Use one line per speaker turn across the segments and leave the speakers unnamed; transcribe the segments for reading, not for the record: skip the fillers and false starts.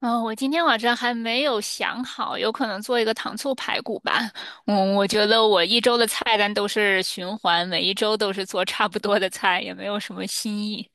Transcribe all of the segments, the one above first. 嗯，我今天晚上还没有想好，有可能做一个糖醋排骨吧。我觉得我一周的菜单都是循环，每一周都是做差不多的菜，也没有什么新意。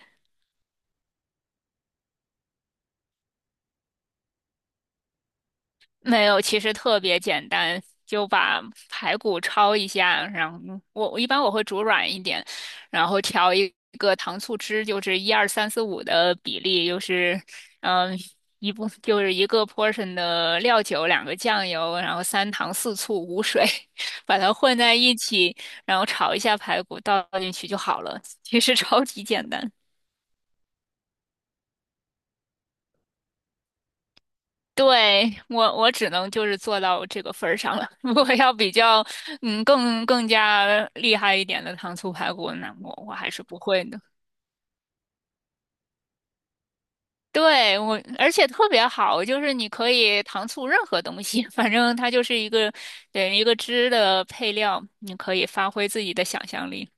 没有，其实特别简单，就把排骨焯一下，然后我一般会煮软一点，然后调一个糖醋汁，就是一二三四五的比例，就是嗯、一部就是一个 portion 的料酒，两个酱油，然后三糖四醋五水，把它混在一起，然后炒一下排骨倒进去就好了。其实 超级简单。对，我只能就是做到这个份儿上了。如果要比较，更加厉害一点的糖醋排骨，那我还是不会的。对，而且特别好，就是你可以糖醋任何东西，反正它就是一个，对，一个汁的配料，你可以发挥自己的想象力。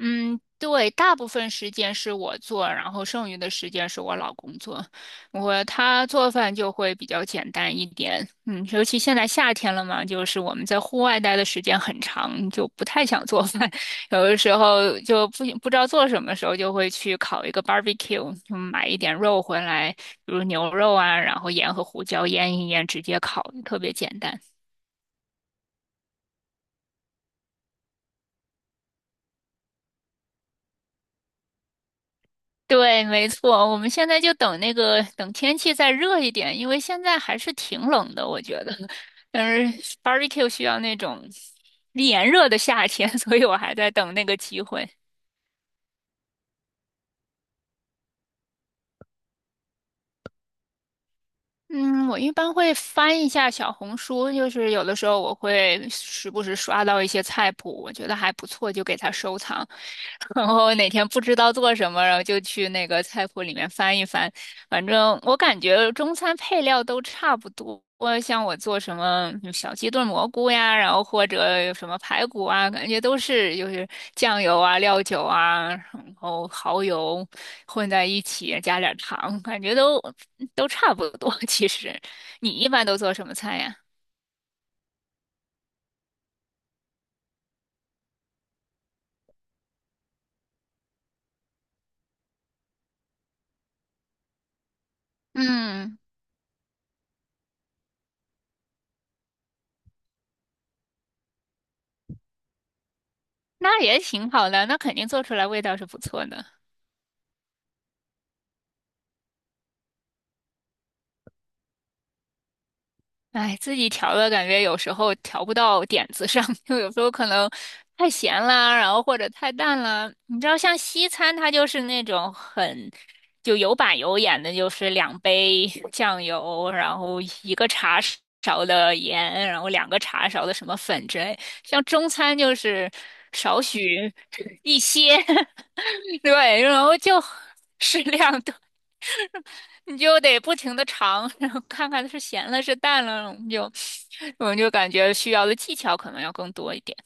嗯，对，大部分时间是我做，然后剩余的时间是我老公做。他做饭就会比较简单一点，尤其现在夏天了嘛，就是我们在户外待的时间很长，就不太想做饭，有的时候就不知道做什么时候，就会去烤一个 barbecue,就买一点肉回来，比如牛肉啊，然后盐和胡椒腌一腌，直接烤，特别简单。对，没错，我们现在就等那个等天气再热一点，因为现在还是挺冷的，我觉得。但是 barbecue 需要那种炎热的夏天，所以我还在等那个机会。嗯，我一般会翻一下小红书，就是有的时候我会时不时刷到一些菜谱，我觉得还不错，就给它收藏。然后哪天不知道做什么，然后就去那个菜谱里面翻一翻。反正我感觉中餐配料都差不多，像我做什么小鸡炖蘑菇呀，然后或者有什么排骨啊，感觉都是就是酱油啊、料酒啊。然后蚝油混在一起，加点儿糖，感觉都差不多。其实，你一般都做什么菜呀？嗯，那也挺好的，那肯定做出来味道是不错的。哎，自己调的感觉有时候调不到点子上，就有时候可能太咸啦，然后或者太淡啦。你知道，像西餐它就是那种很就有板有眼的，就是两杯酱油，然后一个茶勺的盐，然后两个茶勺的什么粉之类。像中餐就是少许 一些，对，然后就 适量，你就得不停的尝，然后看看是咸了是淡了，我们就感觉需要的技巧可能要更多一点。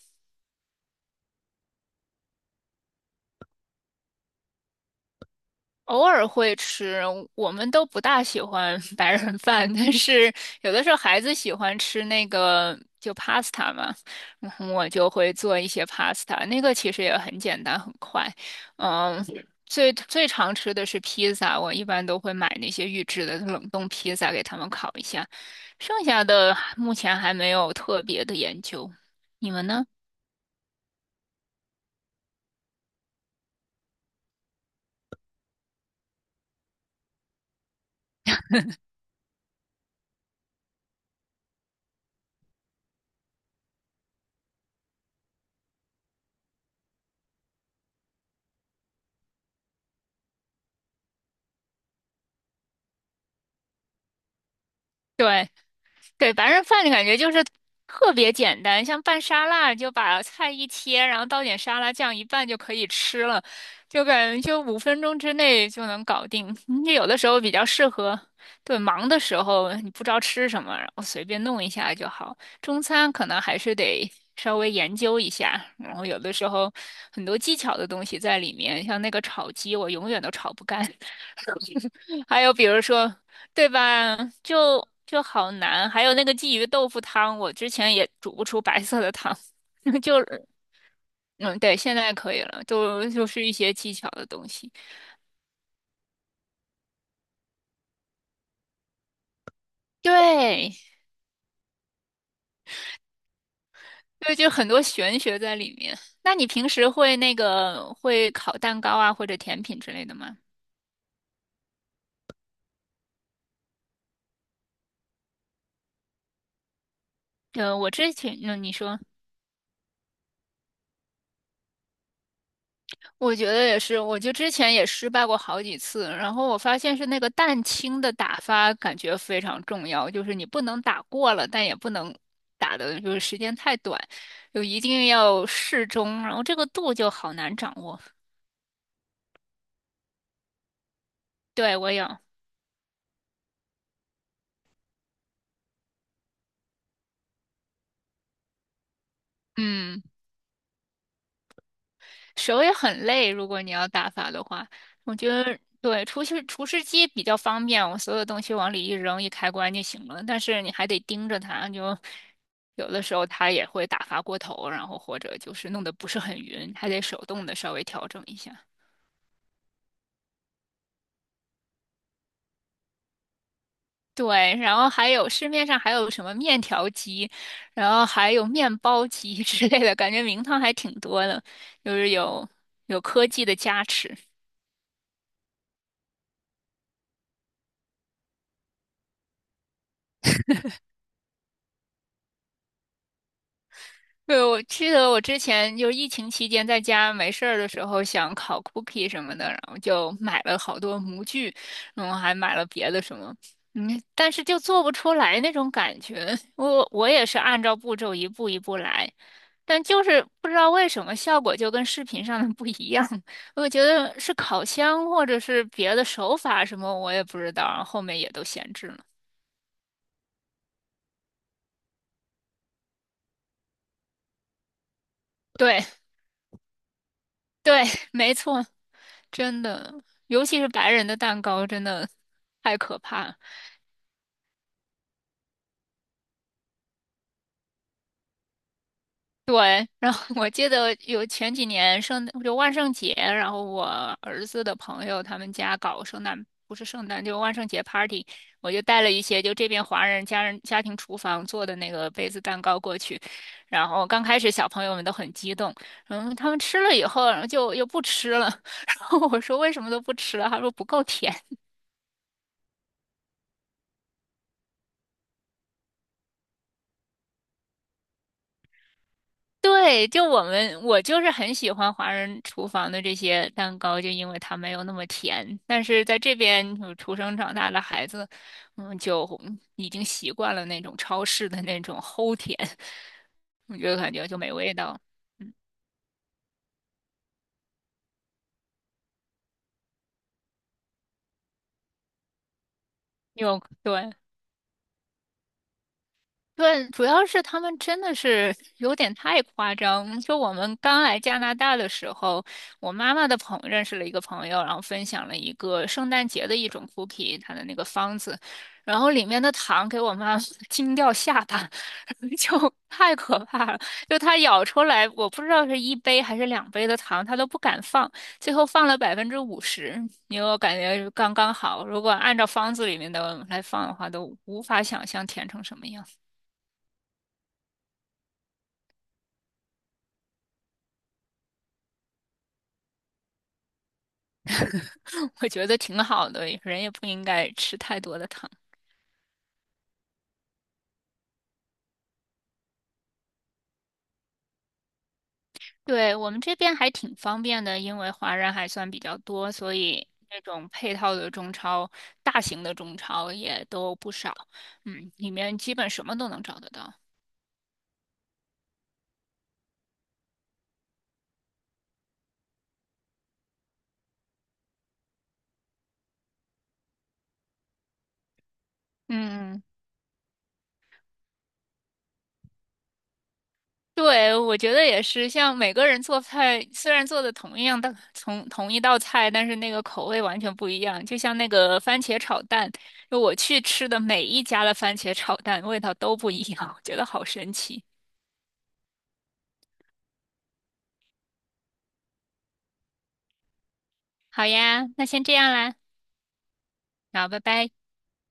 偶尔会吃，我们都不大喜欢 白人饭，但是有的时候孩子喜欢吃那个就 pasta 嘛，然后我就会做一些 pasta,那个其实也很简单很快。嗯，最最常吃的是披萨，我一般都会买那些预制的冷冻披萨给他们烤一下，剩下的目前还没有特别的研究。你们呢？对。对，白人饭的感觉就是特别简单，像拌沙拉，就把菜一切，然后倒点沙拉酱一拌就可以吃了，就感觉就5分钟之内就能搞定。你有的时候比较适合，对，忙的时候你不知道吃什么，然后随便弄一下就好。中餐可能还是得稍微研究一下，然后有的时候很多技巧的东西在里面，像那个炒鸡，我永远都炒不干。还有比如说，对吧？就好难。还有那个鲫鱼豆腐汤，我之前也煮不出白色的汤，就嗯，对，现在可以了，都就是一些技巧的东西。对，对，就很多玄学在里面。那你平时会烤蛋糕啊，或者甜品之类的吗？我之前，你说。我觉得也是，我就之前也失败过好几次，然后我发现是那个蛋清的打发感觉非常重要，就是你不能打过了，但也不能打的就是时间太短，就一定要适中，然后这个度就好难掌握。对，我有，嗯。手也很累，如果你要打发的话，我觉得对，厨师机比较方便，我所有东西往里一扔一开关就行了。但是你还得盯着它，就有的时候它也会打发过头，然后或者就是弄得不是很匀，还得手动的稍微调整一下。对，然后还有市面上还有什么面条机，然后还有面包机 之类的，感觉名堂还挺多的，就是有科技的加持。对，我记得我之前就是疫情期间在家没事儿的时候，想烤 cookie 什么的，然后就买了好多模具，然后还买了别的什么，但是就做不出来那种感觉。我也是按照步骤一步一步来，但就是不知道为什么效果就跟视频上的不一样。我觉得是烤箱或者是别的手法什么，我也不知道，然后后面也都闲置了。对对，没错。真的，尤其是白人的蛋糕，真的太可怕。对，然后我记得有前几年万圣节，然后我儿子的朋友他们家搞圣诞，不是圣诞，就万圣节 party,我就带了一些就这边华人家庭厨房做的那个杯子蛋糕过去，然后刚开始小朋友们都很激动，然后他们吃了以后，然后就又不吃了，然后我说为什么都不吃了，他说不够甜。对，就我们，我就是很喜欢华人厨房的这些蛋糕，就因为它没有那么甜。但是在这边就出生长大的孩子，就已经习惯了那种超市的那种齁甜，我觉得感觉就没味道。嗯，有，对。对，主要是他们真的是有点太夸张。就我们刚来加拿大的时候，我妈妈的认识了一个朋友，然后分享了一个圣诞节的一种 cookie,它的那个方子，然后里面的糖给我妈 惊掉下巴，就太可怕了。就她咬出来，我不知道是一杯还是两杯的糖，她都不敢放，最后放了50%，因为我感觉是刚刚好。如果按照方子里面的来放的话，都无法想象甜成什么样。我觉得挺好的，人也不应该吃太多的糖。对，我们这边还挺方便的，因为华人还算比较多，所以那种配套的中超，大型的中超也都不少。里面基本什么都能找得到。嗯，对，我觉得也是，像每个人做菜，虽然做的同一样的同一道菜，但是那个口味完全不一样。就像那个番茄炒蛋，就我去吃的每一家的番茄炒蛋味道都不一样，我觉得好神奇。好呀，那先这样啦，好，拜拜。